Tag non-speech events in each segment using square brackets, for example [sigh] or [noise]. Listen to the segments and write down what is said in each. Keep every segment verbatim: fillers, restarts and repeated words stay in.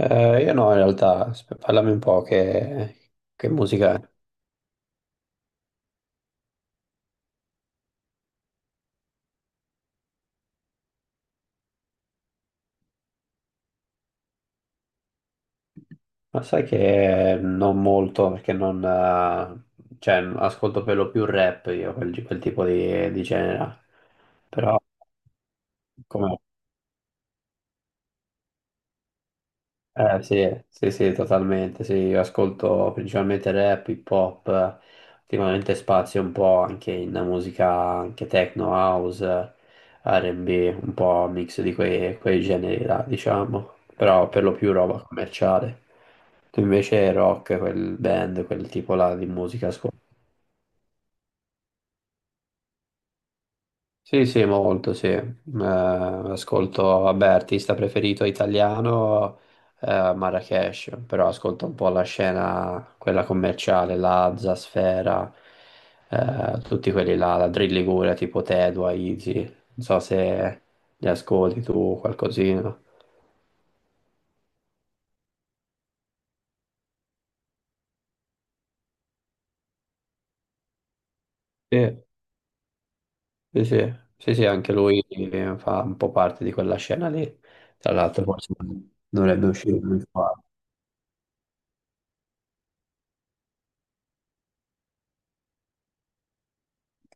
Eh, io no, in realtà, sp- parlami un po' che, che musica è. Ma sai che non molto, perché non, eh, cioè, ascolto per lo più rap io, quel, quel tipo di, di genere. Però, com'è? Eh, sì, sì, sì, totalmente, sì, io ascolto principalmente rap, hip hop, eh, ultimamente spazio un po' anche in musica, anche techno, house, R e B, un po' un mix di quei, quei generi là, diciamo, però per lo più roba commerciale. Tu invece rock, quel band, quel tipo là di musica? Sì, sì, molto, sì. Eh, ascolto, vabbè, artista preferito italiano, eh, Marracash, però ascolto un po' la scena, quella commerciale, Lazza, Sfera, eh, tutti quelli là, la Drill Liguria, tipo Tedua, Easy, non so se li ascolti tu qualcosina. Sì, sì, sì, sì, sì, anche lui fa un po' parte di quella scena lì, tra l'altro forse dovrebbe uscire lui.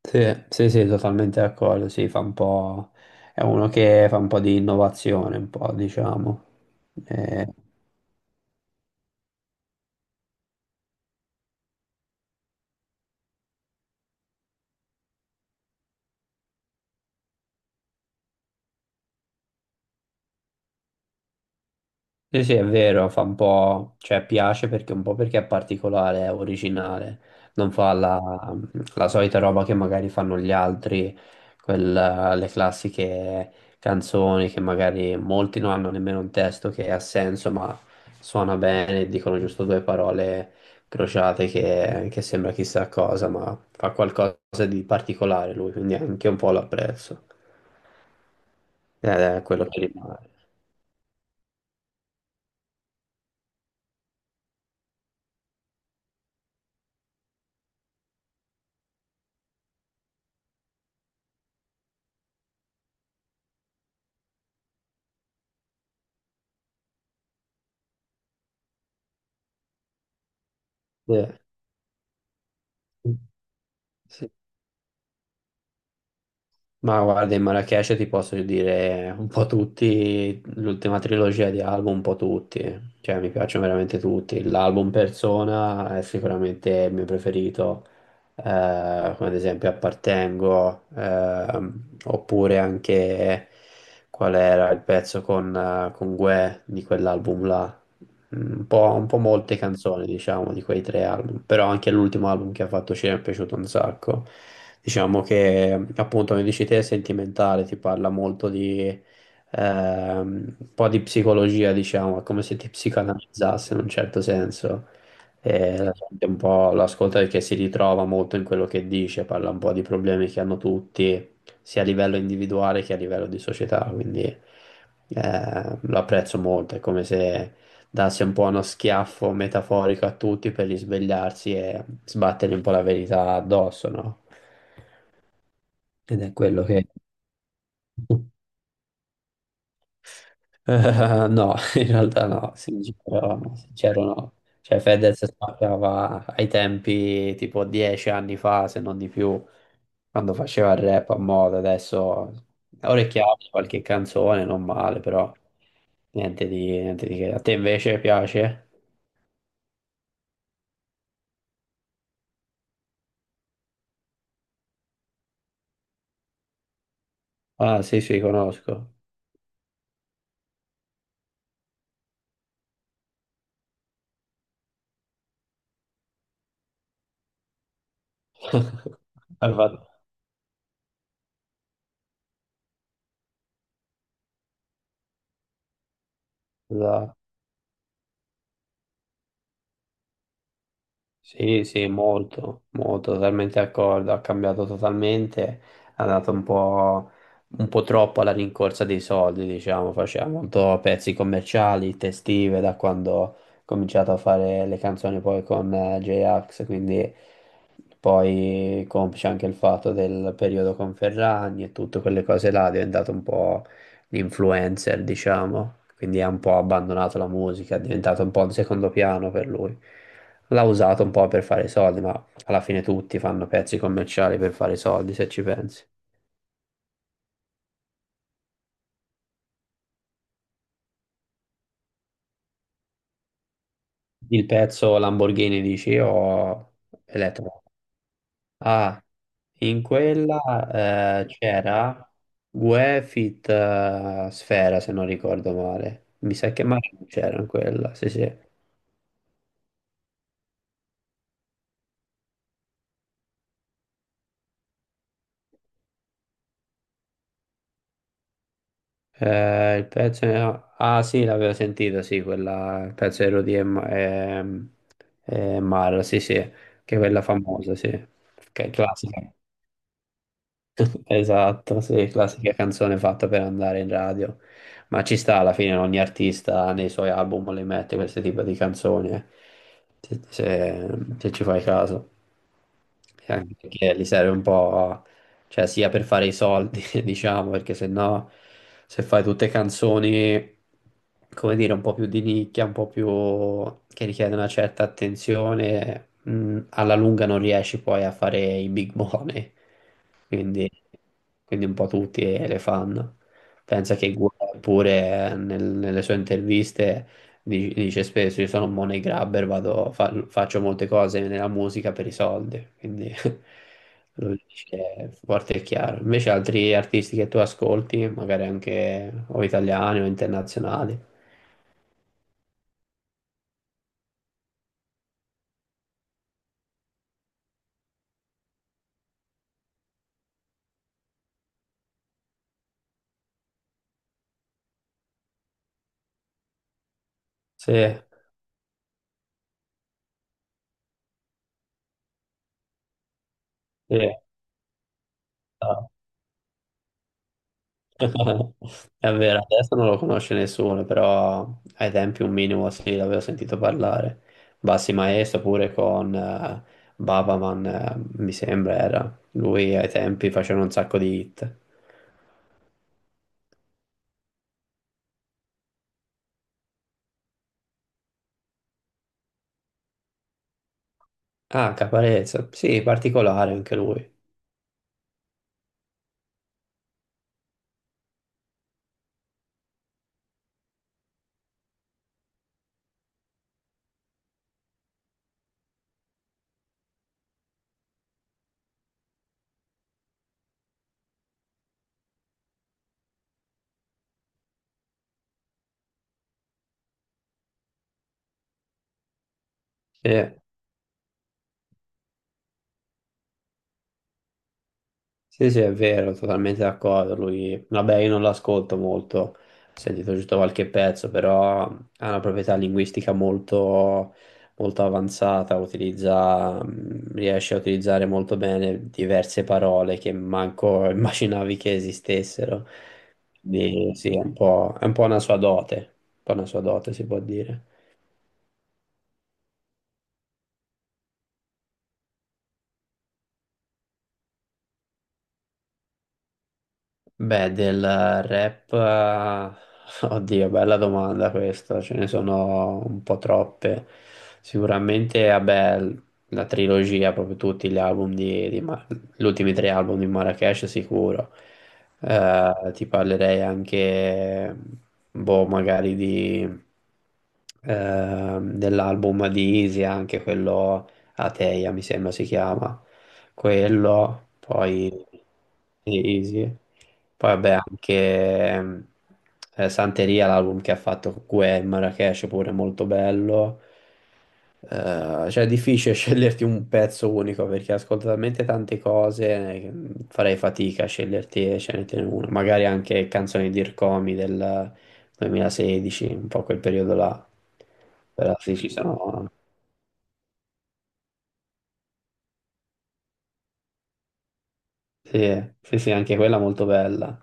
Sì, sì, sì, totalmente d'accordo, sì, fa un po'. È uno che fa un po' di innovazione, un po', diciamo. Eh, Sì, sì, è vero, fa un po', cioè piace perché un po' perché è particolare, è originale, non fa la, la solita roba che magari fanno gli altri, quel- le classiche canzoni che magari molti non hanno nemmeno un testo che ha senso, ma suona bene, dicono giusto due parole crociate che, che sembra chissà cosa, ma fa qualcosa di particolare lui, quindi anche un po' l'apprezzo, ed è quello che rimane. Sì. Sì. Ma guarda, in Marrakesh ti posso dire un po' tutti, l'ultima trilogia di album, un po' tutti, cioè mi piacciono veramente tutti. L'album Persona è sicuramente il mio preferito, eh, come ad esempio Appartengo, ehm, oppure anche qual era il pezzo con, eh, con Guè di quell'album là. Un po', un po' molte canzoni, diciamo, di quei tre album, però anche l'ultimo album che ha fatto ci è piaciuto un sacco. Diciamo che, appunto, come dici te, è sentimentale, ti parla molto di ehm, un po' di psicologia, diciamo, è come se ti psicanalizzasse in un certo senso. E la gente un po' lo ascolta perché si ritrova molto in quello che dice, parla un po' di problemi che hanno tutti, sia a livello individuale che a livello di società, quindi eh, lo apprezzo molto, è come se dasse un po' uno schiaffo metaforico a tutti per risvegliarsi e sbattergli un po' la verità addosso, no? Ed è quello che. [laughs] Eh, no, [laughs] in realtà no, sincero, no, sincero no. Cioè Fedez spaccava ai tempi tipo dieci anni fa, se non di più, quando faceva il rap a moda, adesso orecchiato qualche canzone, non male, però niente di, niente di che. A te invece piace? Ah, sì, sì, conosco. [laughs] Hai fatto- esatto. Sì, sì, molto, molto, totalmente d'accordo, ha cambiato totalmente, ha dato un po', un po' troppo alla rincorsa dei soldi, diciamo, faceva molto pezzi commerciali, testive, da quando ho cominciato a fare le canzoni poi con eh, J-Ax, quindi poi complice anche il fatto del periodo con Ferragni e tutte quelle cose là, è diventato un po' l'influencer, diciamo, quindi ha un po' abbandonato la musica, è diventato un po' un secondo piano per lui. L'ha usato un po' per fare i soldi, ma alla fine tutti fanno pezzi commerciali per fare i soldi, se ci pensi. Il pezzo Lamborghini dici o elettro? Ah, in quella eh, c'era Guefit eh, Sfera, se non ricordo male. Mi sa che Mario non c'era in quella, sì sì. Eh, il pezzo. Ah, sì, l'avevo sentito, sì, quella. Il pezzo di Rudy e, Ma- e- e Mara, sì sì, che è quella famosa, sì, che è classica. Esatto, sì, classica canzone fatta per andare in radio. Ma ci sta alla fine, ogni artista nei suoi album le mette questo tipo di canzoni, eh. Se, se- se ci fai caso. E anche perché gli serve un po', cioè sia per fare i soldi, [laughs] diciamo, perché se no, se fai tutte canzoni, come dire, un po' più di nicchia, un po' più che richiedono una certa attenzione, mh, alla lunga non riesci poi a fare i big money. Quindi, quindi un po' tutti le fanno. Pensa che Guerra pure eh, nel- nelle sue interviste. Di- Dice spesso, io sono un money grabber, vado, fa- faccio molte cose nella musica per i soldi, quindi [laughs] lo dice forte e chiaro. Invece altri artisti che tu ascolti, magari anche o italiani o internazionali? Sì, sì, no. [laughs] È vero, adesso non lo conosce nessuno, però ai tempi un minimo sì, l'avevo sentito parlare. Bassi Maestro pure con eh, Babaman, eh, mi sembra era. Lui ai tempi faceva un sacco di hit. Ah, Caparezza, sì, particolare anche lui. Sì, sì, sì, è vero, totalmente d'accordo. Lui, vabbè, io non l'ascolto molto, ho sentito giusto qualche pezzo, però ha una proprietà linguistica molto, molto avanzata, utilizza, mh, riesce a utilizzare molto bene diverse parole che manco [laughs] immaginavi che esistessero. Quindi, sì, è un po', è un po' una sua dote, un po' una sua dote, si può dire. Beh, del rap, eh, oddio, bella domanda questa, ce ne sono un po' troppe. Sicuramente, vabbè, l- la trilogia, proprio tutti gli album di, di Ma- gli ultimi tre album di Marracash sicuro. Eh, ti parlerei anche, boh, magari di, eh, dell'album di Isia, anche quello Ateia, mi sembra si chiama quello, poi sì, sì. Poi vabbè anche ehm, eh, Santeria, l'album che ha fatto con Gue Marrakesh, pure molto bello. Eh, cioè è difficile [laughs] sceglierti un pezzo unico perché ascolto talmente tante cose, eh, che farei fatica a sceglierti, scegliertene uno. Magari anche canzoni di Ircomi del duemilasedici, un po' quel periodo là. Però sì, ci sono. Sì, sì, sì, anche quella molto bella.